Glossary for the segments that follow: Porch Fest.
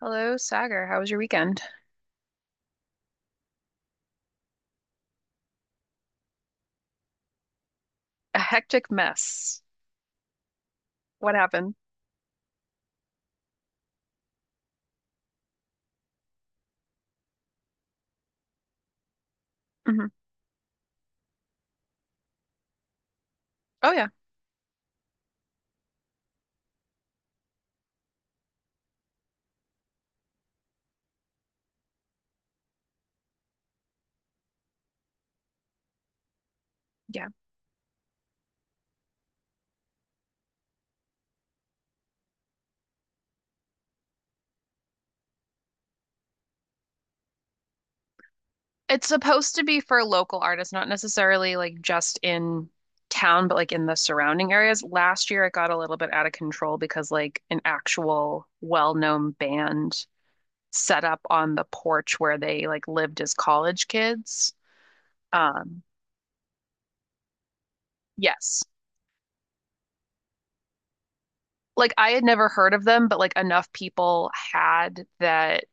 Hello, Sagar. How was your weekend? A hectic mess. What happened? hmm Oh, yeah. Yeah. It's supposed to be for local artists, not necessarily like just in town, but like in the surrounding areas. Last year, it got a little bit out of control because like an actual well-known band set up on the porch where they like lived as college kids. Um, yes. Like I had never heard of them, but like enough people had that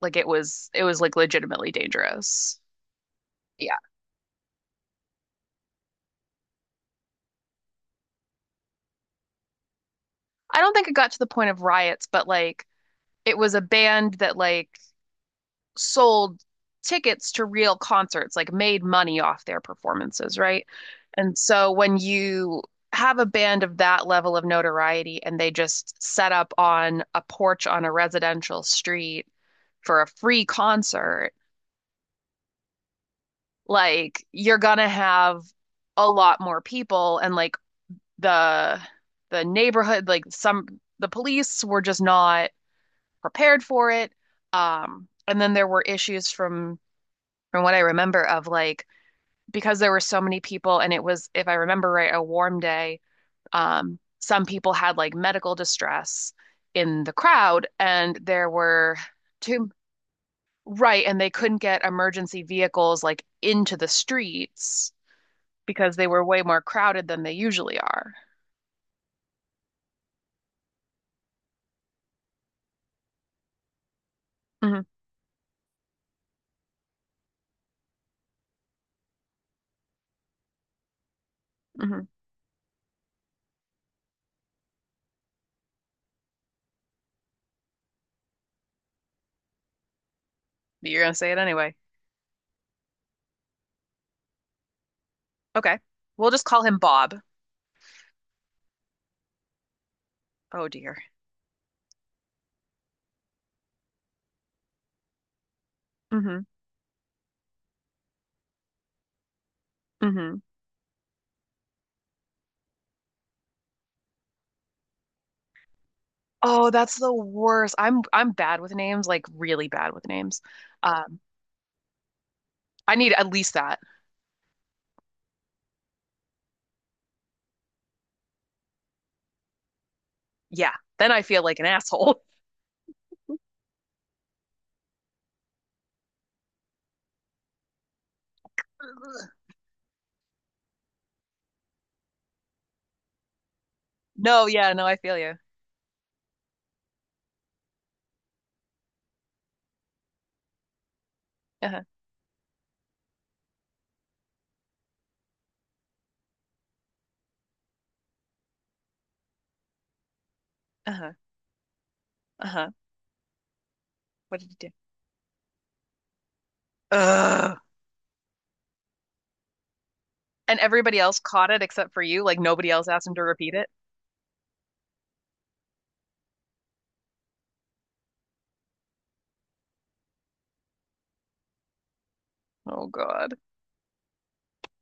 like it was like legitimately dangerous. Yeah. I don't think it got to the point of riots, but like it was a band that like sold tickets to real concerts, like made money off their performances, right? And so when you have a band of that level of notoriety and they just set up on a porch on a residential street for a free concert, like you're gonna have a lot more people and like the the neighborhood, like some the police were just not prepared for it. And then there were issues from what I remember of like because there were so many people and it was, if I remember right, a warm day, some people had like medical distress in the crowd and there were two, right, and they couldn't get emergency vehicles like into the streets because they were way more crowded than they usually are. hmm hmm You're gonna say it anyway. Okay. We'll just call him Bob. Oh dear. hmm hmm Oh, that's the worst. I'm bad with names, like really bad with names. Um, I need at least that. Yeah. Then I feel like an asshole. Ugh. No, yeah, no, I feel you. Uh-huh. Uh-huh. Uh-huh. What did you do? Ugh. And everybody else caught it except for you. Like nobody else asked him to repeat it. Oh God.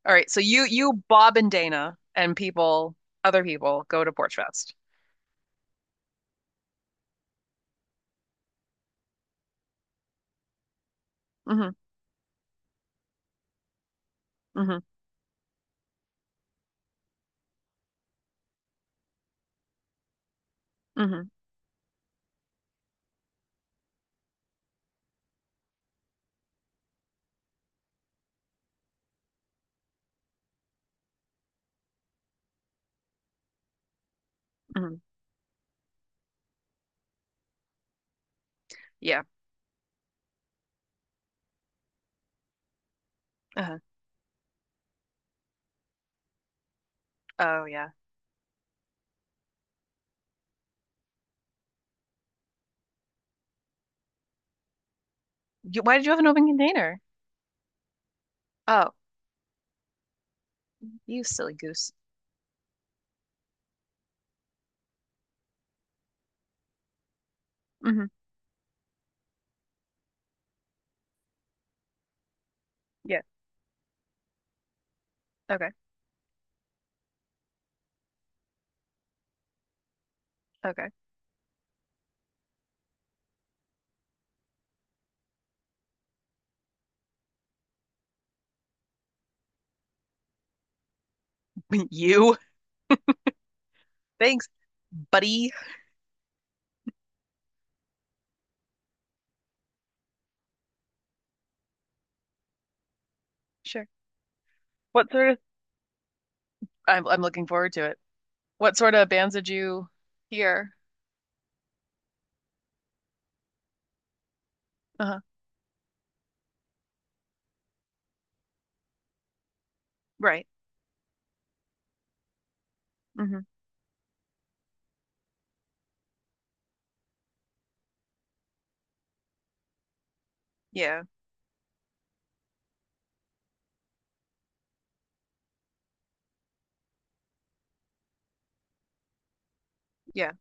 All right. So you, Bob and Dana and people other people go to Porch Fest. Mm-hmm. Mm-hmm. Mm-hmm. hmm Yeah. Uh-huh. Oh yeah. You, why did you have an open container? Oh, you silly goose. Mm-hmm. Yeah. Okay. Okay. You. Thanks, buddy. Sure. What sort of I'm looking forward to it. What sort of bands did you hear? Uh huh. Right. Mm-hmm. Yeah. Yeah.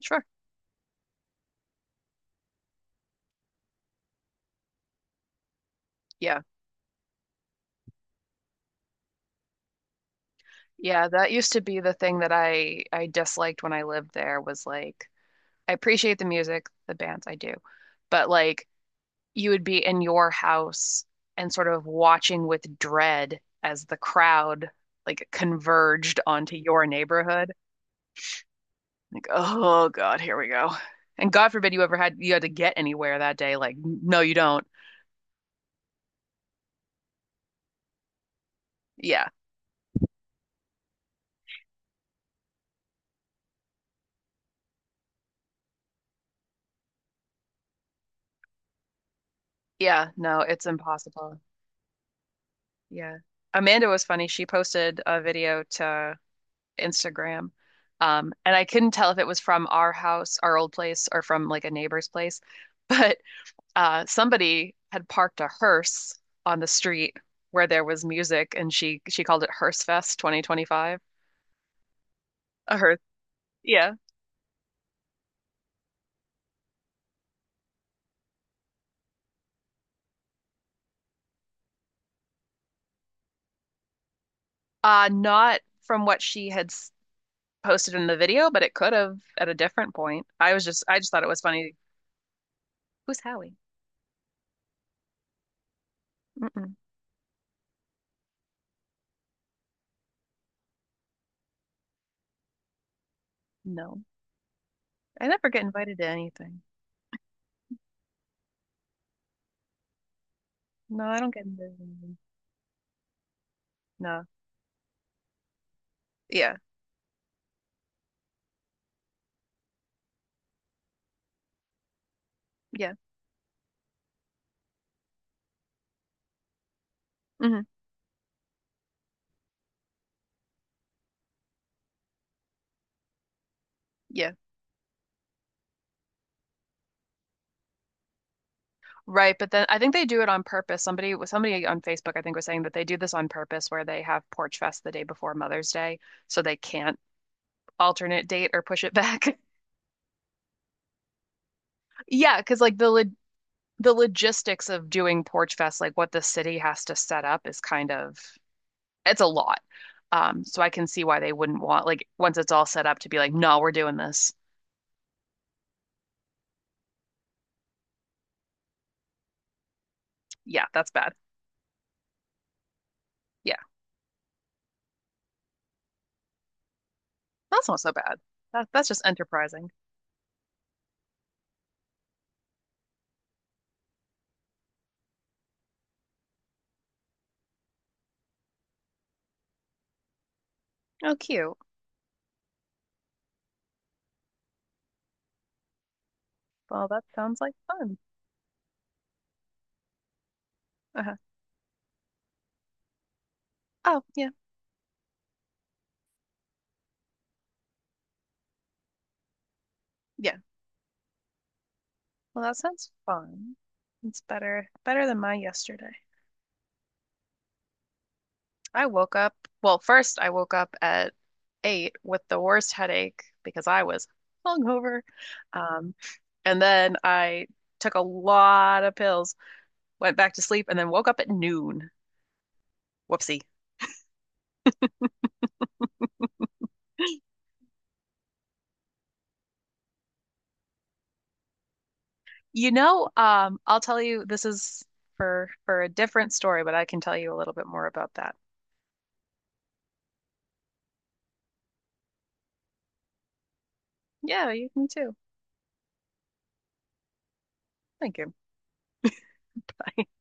Sure. Yeah. Yeah, that used to be the thing that I disliked when I lived there was like I appreciate the music, the bands I do, but like you would be in your house and sort of watching with dread as the crowd like converged onto your neighborhood. Like, oh God, here we go. And God forbid you had to get anywhere that day. Like, no, you don't. Yeah. Yeah. No, it's impossible. Yeah. Amanda was funny. She posted a video to Instagram. And I couldn't tell if it was from our house, our old place, or from like a neighbor's place. But somebody had parked a hearse on the street where there was music and she called it Hearse Fest 2025. A hearse. Yeah. Not from what she had posted in the video, but it could have at a different point. I was just, I just thought it was funny. Who's Howie? Mm-mm, no, I never get invited to anything. No, I don't get invited to anything. No, yeah, yeah, hmm yeah, right. But then I think they do it on purpose. Somebody, somebody on Facebook, I think, was saying that they do this on purpose, where they have Porch Fest the day before Mother's Day, so they can't alternate date or push it back. Yeah, because like the logistics of doing Porch Fest, like what the city has to set up, is kind of it's a lot. So I can see why they wouldn't want like once it's all set up to be like, no, we're doing this. Yeah, that's bad. Yeah, that's not so bad. That's just enterprising. Oh, cute. Well, that sounds like fun. Uh-huh. Oh, yeah, yeah. Well, that sounds fun. It's better than my yesterday. I woke up. Well, first I woke up at 8 with the worst headache because I was hungover. Um, and then I took a lot of pills, went back to sleep, and then woke up at noon. Whoopsie. You know, I'll tell you this is for a different story, but I can tell you a little bit more about that. Yeah, you can too. Thank you. Bye.